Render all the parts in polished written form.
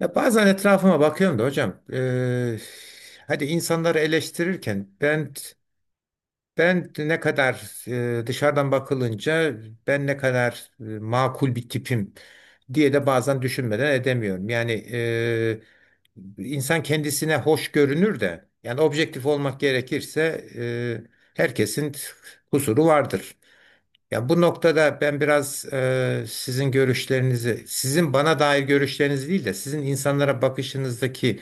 Ya bazen etrafıma bakıyorum da hocam. Hadi insanları eleştirirken ben ne kadar, dışarıdan bakılınca ben ne kadar makul bir tipim diye de bazen düşünmeden edemiyorum. Yani insan kendisine hoş görünür de, yani objektif olmak gerekirse herkesin kusuru vardır. Ya bu noktada ben biraz sizin görüşlerinizi, sizin bana dair görüşleriniz değil de sizin insanlara bakışınızdaki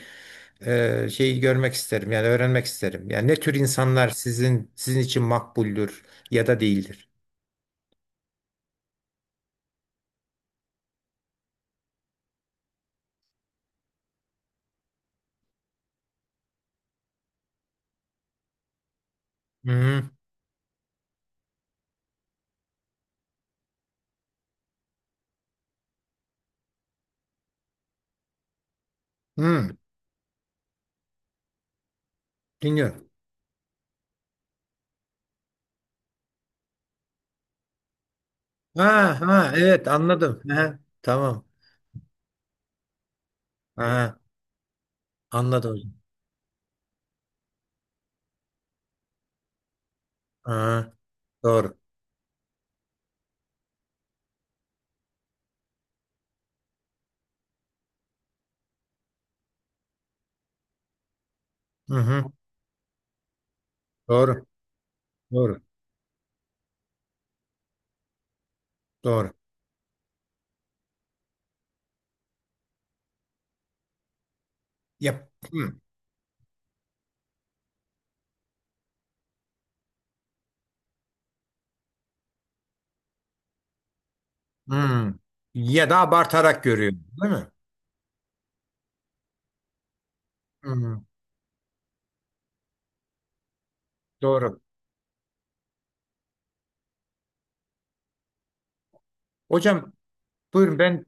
şeyi görmek isterim. Yani öğrenmek isterim. Yani ne tür insanlar sizin için makbuldür ya da değildir. Hı hı. Dinliyorum. Ha ha, evet, anladım. Hı, tamam. Ha, anladım hocam. Ha, doğru. Hı hı. Doğru. Doğru. Doğru. Yap. Hı. Hı. Ya da abartarak görüyorum, değil mi? Hı. Doğru. Hocam buyurun, ben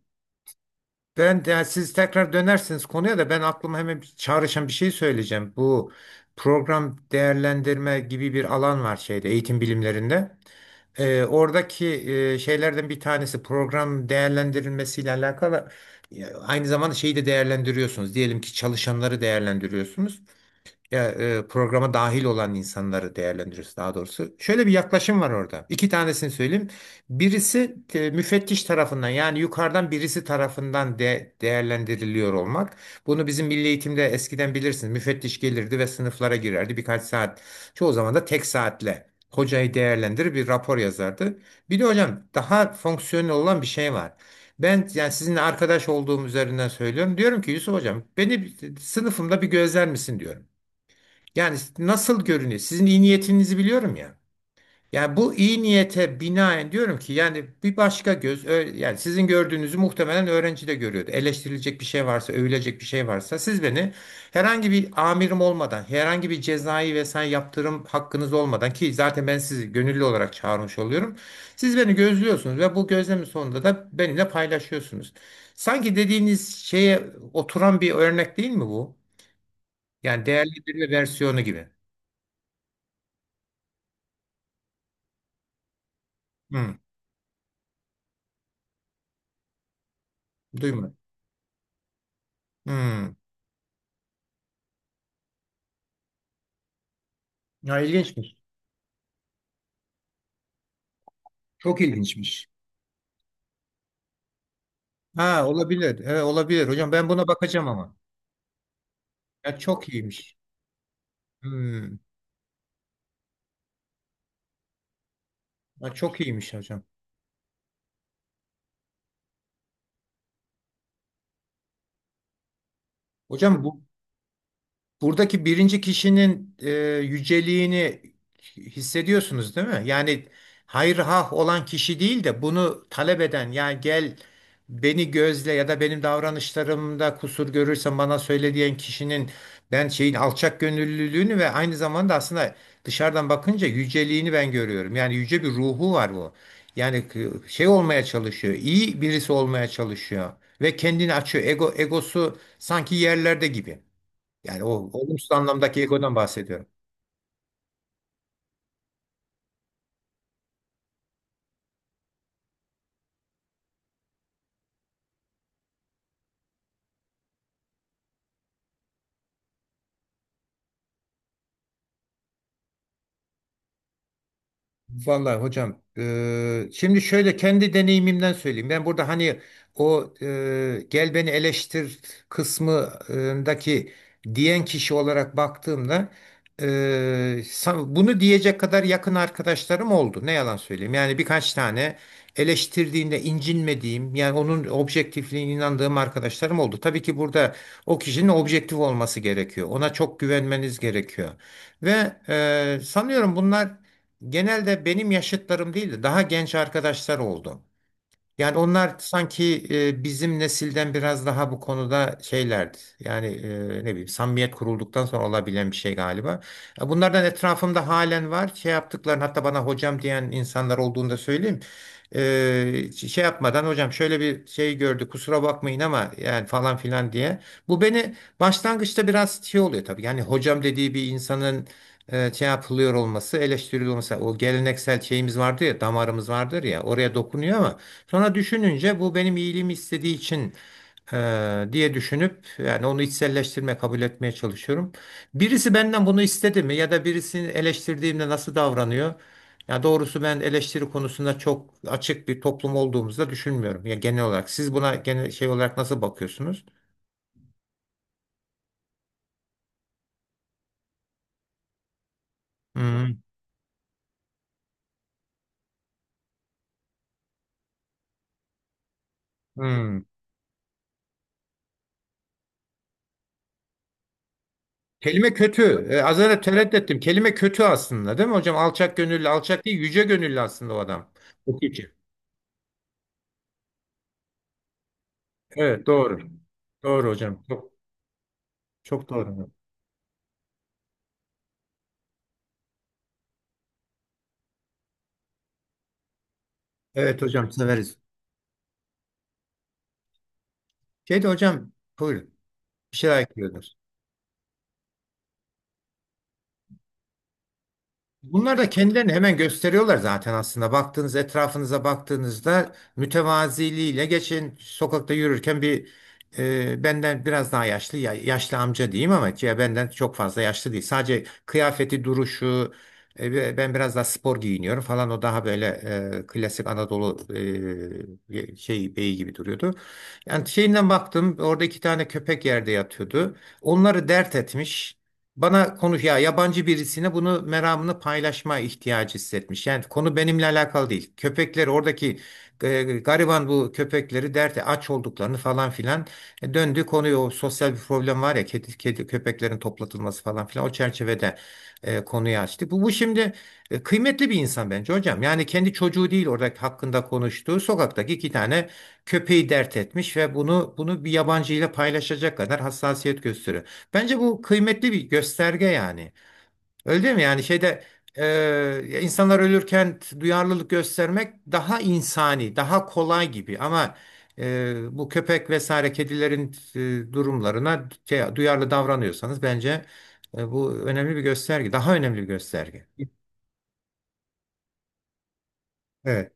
ben de- siz tekrar dönersiniz konuya da, ben aklıma hemen bir çağrışan bir şey söyleyeceğim. Bu program değerlendirme gibi bir alan var şeyde, eğitim bilimlerinde. Oradaki şeylerden bir tanesi, program değerlendirilmesiyle alakalı, aynı zamanda şeyi de değerlendiriyorsunuz. Diyelim ki çalışanları değerlendiriyorsunuz ya, programa dahil olan insanları değerlendiriyoruz daha doğrusu. Şöyle bir yaklaşım var orada. İki tanesini söyleyeyim. Birisi müfettiş tarafından, yani yukarıdan birisi tarafından değerlendiriliyor olmak. Bunu bizim milli eğitimde eskiden bilirsiniz. Müfettiş gelirdi ve sınıflara girerdi birkaç saat. Çoğu zaman da tek saatle. Hocayı değerlendirir, bir rapor yazardı. Bir de hocam, daha fonksiyonel olan bir şey var. Ben yani sizinle arkadaş olduğum üzerinden söylüyorum. Diyorum ki, Yusuf hocam beni sınıfımda bir gözler misin diyorum. Yani nasıl görünüyor? Sizin iyi niyetinizi biliyorum ya. Yani bu iyi niyete binaen diyorum ki, yani bir başka göz, yani sizin gördüğünüzü muhtemelen öğrenci de görüyordu. Eleştirilecek bir şey varsa, övülecek bir şey varsa, siz beni herhangi bir amirim olmadan, herhangi bir cezai vesaire yaptırım hakkınız olmadan, ki zaten ben sizi gönüllü olarak çağırmış oluyorum. Siz beni gözlüyorsunuz ve bu gözlemin sonunda da benimle paylaşıyorsunuz. Sanki dediğiniz şeye oturan bir örnek değil mi bu? Yani değerli bir versiyonu gibi. Hı. Duymadım. Hmm. Ya, ilginçmiş. Çok ilginçmiş. Ha, olabilir. Evet, olabilir. Hocam ben buna bakacağım ama. Ya çok iyiymiş. Hmm. Ya çok iyiymiş hocam. Hocam bu Buradaki birinci kişinin yüceliğini hissediyorsunuz değil mi? Yani hayır hah olan kişi değil de, bunu talep eden, yani gel beni gözle ya da benim davranışlarımda kusur görürsen bana söyle diyen kişinin, ben şeyin alçak gönüllülüğünü ve aynı zamanda aslında dışarıdan bakınca yüceliğini ben görüyorum. Yani yüce bir ruhu var bu. Yani şey olmaya çalışıyor, iyi birisi olmaya çalışıyor ve kendini açıyor. Egosu sanki yerlerde gibi. Yani o olumsuz anlamdaki egodan bahsediyorum. Vallahi hocam, şimdi şöyle kendi deneyimimden söyleyeyim. Ben burada hani o, gel beni eleştir kısmındaki diyen kişi olarak baktığımda, bunu diyecek kadar yakın arkadaşlarım oldu. Ne yalan söyleyeyim. Yani birkaç tane eleştirdiğinde incinmediğim, yani onun objektifliğine inandığım arkadaşlarım oldu. Tabii ki burada o kişinin objektif olması gerekiyor. Ona çok güvenmeniz gerekiyor. Ve sanıyorum bunlar genelde benim yaşıtlarım değil de daha genç arkadaşlar oldu. Yani onlar sanki bizim nesilden biraz daha bu konuda şeylerdi. Yani ne bileyim, samimiyet kurulduktan sonra olabilen bir şey galiba. Bunlardan etrafımda halen var. Şey yaptıklarını, hatta bana hocam diyen insanlar olduğunu da söyleyeyim. Şey yapmadan, hocam şöyle bir şey gördü, kusura bakmayın ama, yani falan filan diye. Bu beni başlangıçta biraz şey oluyor tabii. Yani hocam dediği bir insanın şey yapılıyor olması, eleştiriliyor olması. O geleneksel şeyimiz vardır ya, damarımız vardır ya, oraya dokunuyor. Ama sonra düşününce, bu benim iyiliğimi istediği için diye düşünüp, yani onu içselleştirme, kabul etmeye çalışıyorum. Birisi benden bunu istedi mi ya da birisini eleştirdiğimde nasıl davranıyor? Ya doğrusu ben eleştiri konusunda çok açık bir toplum olduğumuzu da düşünmüyorum. Ya genel olarak siz buna genel şey olarak nasıl bakıyorsunuz? Hmm, hmm. Kelime kötü. Az önce tereddüt ettim. Kelime kötü aslında, değil mi hocam? Alçak gönüllü, alçak değil, yüce gönüllü aslında o adam. Okuyucu. Evet, doğru. Doğru hocam. Çok, çok doğru. Evet hocam, size veririz. Şey de hocam, buyurun. Bir şeyler ekliyordunuz. Bunlar da kendilerini hemen gösteriyorlar zaten aslında. Etrafınıza baktığınızda, mütevaziliğiyle, geçen sokakta yürürken bir, benden biraz daha yaşlı, yaşlı amca diyeyim, ama ya benden çok fazla yaşlı değil. Sadece kıyafeti, duruşu, ve ben biraz daha spor giyiniyorum falan, o daha böyle klasik Anadolu şey beyi gibi duruyordu. Yani şeyinden baktım, orada iki tane köpek yerde yatıyordu. Onları dert etmiş. Bana konuş ya, yabancı birisine bunu, meramını paylaşma ihtiyacı hissetmiş. Yani konu benimle alakalı değil. Köpekleri oradaki, gariban bu köpekleri, derdi aç olduklarını falan filan. Döndü konuyu, o sosyal bir problem var ya, kedi köpeklerin toplatılması, falan filan o çerçevede konuyu açtı. Bu şimdi kıymetli bir insan bence hocam. Yani kendi çocuğu değil oradaki hakkında konuştuğu, sokaktaki iki tane köpeği dert etmiş ve bunu bir yabancıyla paylaşacak kadar hassasiyet gösteriyor. Bence bu kıymetli bir gösterge yani. Öyle değil mi? Yani şeyde, insanlar ölürken duyarlılık göstermek daha insani, daha kolay gibi. Ama bu köpek vesaire kedilerin durumlarına, şey, duyarlı davranıyorsanız, bence bu önemli bir gösterge. Daha önemli bir gösterge. Evet.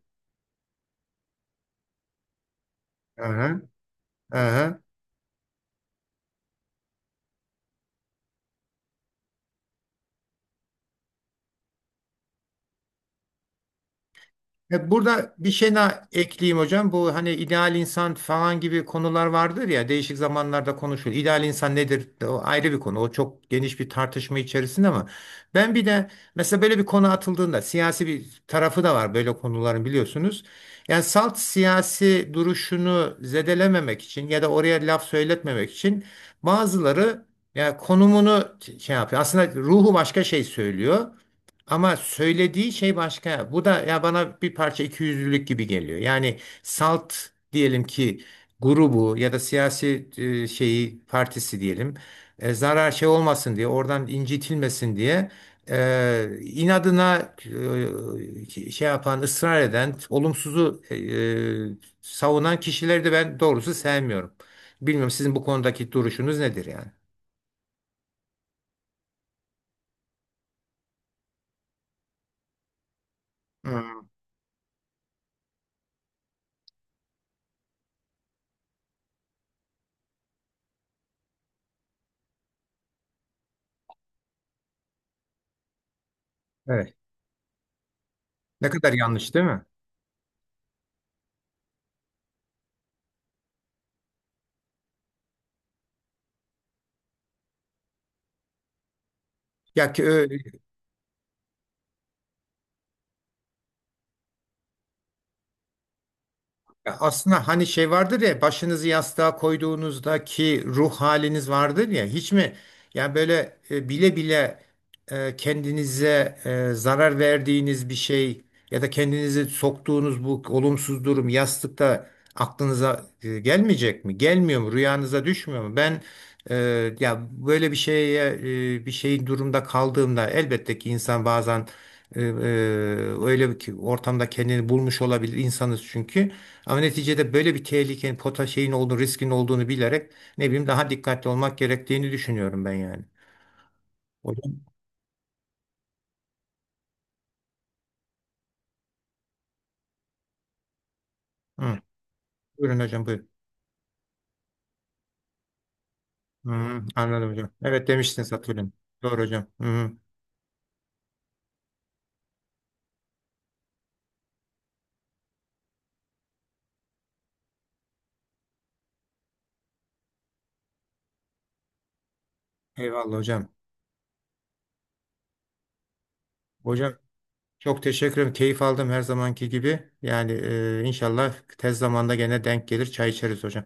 Aha, aha. Burada bir şey daha ekleyeyim hocam. Bu hani ideal insan falan gibi konular vardır ya, değişik zamanlarda konuşulur. İdeal insan nedir? O ayrı bir konu. O çok geniş bir tartışma içerisinde, ama ben bir de mesela böyle bir konu atıldığında, siyasi bir tarafı da var böyle konuların, biliyorsunuz. Yani salt siyasi duruşunu zedelememek için, ya da oraya laf söyletmemek için, bazıları yani konumunu şey yapıyor. Aslında ruhu başka şey söylüyor. Ama söylediği şey başka. Bu da ya bana bir parça ikiyüzlülük gibi geliyor. Yani salt, diyelim ki grubu ya da siyasi şeyi, partisi diyelim, zarar şey olmasın diye, oradan incitilmesin diye, inadına şey yapan, ısrar eden, olumsuzu savunan kişileri de ben doğrusu sevmiyorum. Bilmiyorum, sizin bu konudaki duruşunuz nedir yani? Hmm. Evet. Ne kadar yanlış, değil mi? Ya ki, Ya aslında hani şey vardır ya, başınızı yastığa koyduğunuzdaki ruh haliniz vardır ya, hiç mi yani böyle, bile bile, kendinize zarar verdiğiniz bir şey ya da kendinizi soktuğunuz bu olumsuz durum, yastıkta aklınıza gelmeyecek mi? Gelmiyor mu? Rüyanıza düşmüyor mu? Ben, e, ya böyle bir şeye, bir şeyin durumda kaldığımda, elbette ki insan bazen e, e, öyle bir ortamda kendini bulmuş olabilir, insanız çünkü. Ama neticede böyle bir tehlikenin, pota şeyin olduğunu, riskin olduğunu bilerek, ne bileyim daha dikkatli olmak gerektiğini düşünüyorum ben yani. Hocam. Hı. Buyurun hocam, buyurun. Hı, anladım hocam. Evet, demiştiniz, hatırlıyorum. Doğru hocam. Hı. Eyvallah hocam. Hocam çok teşekkür ederim. Keyif aldım, her zamanki gibi. Yani inşallah tez zamanda gene denk gelir, çay içeriz hocam.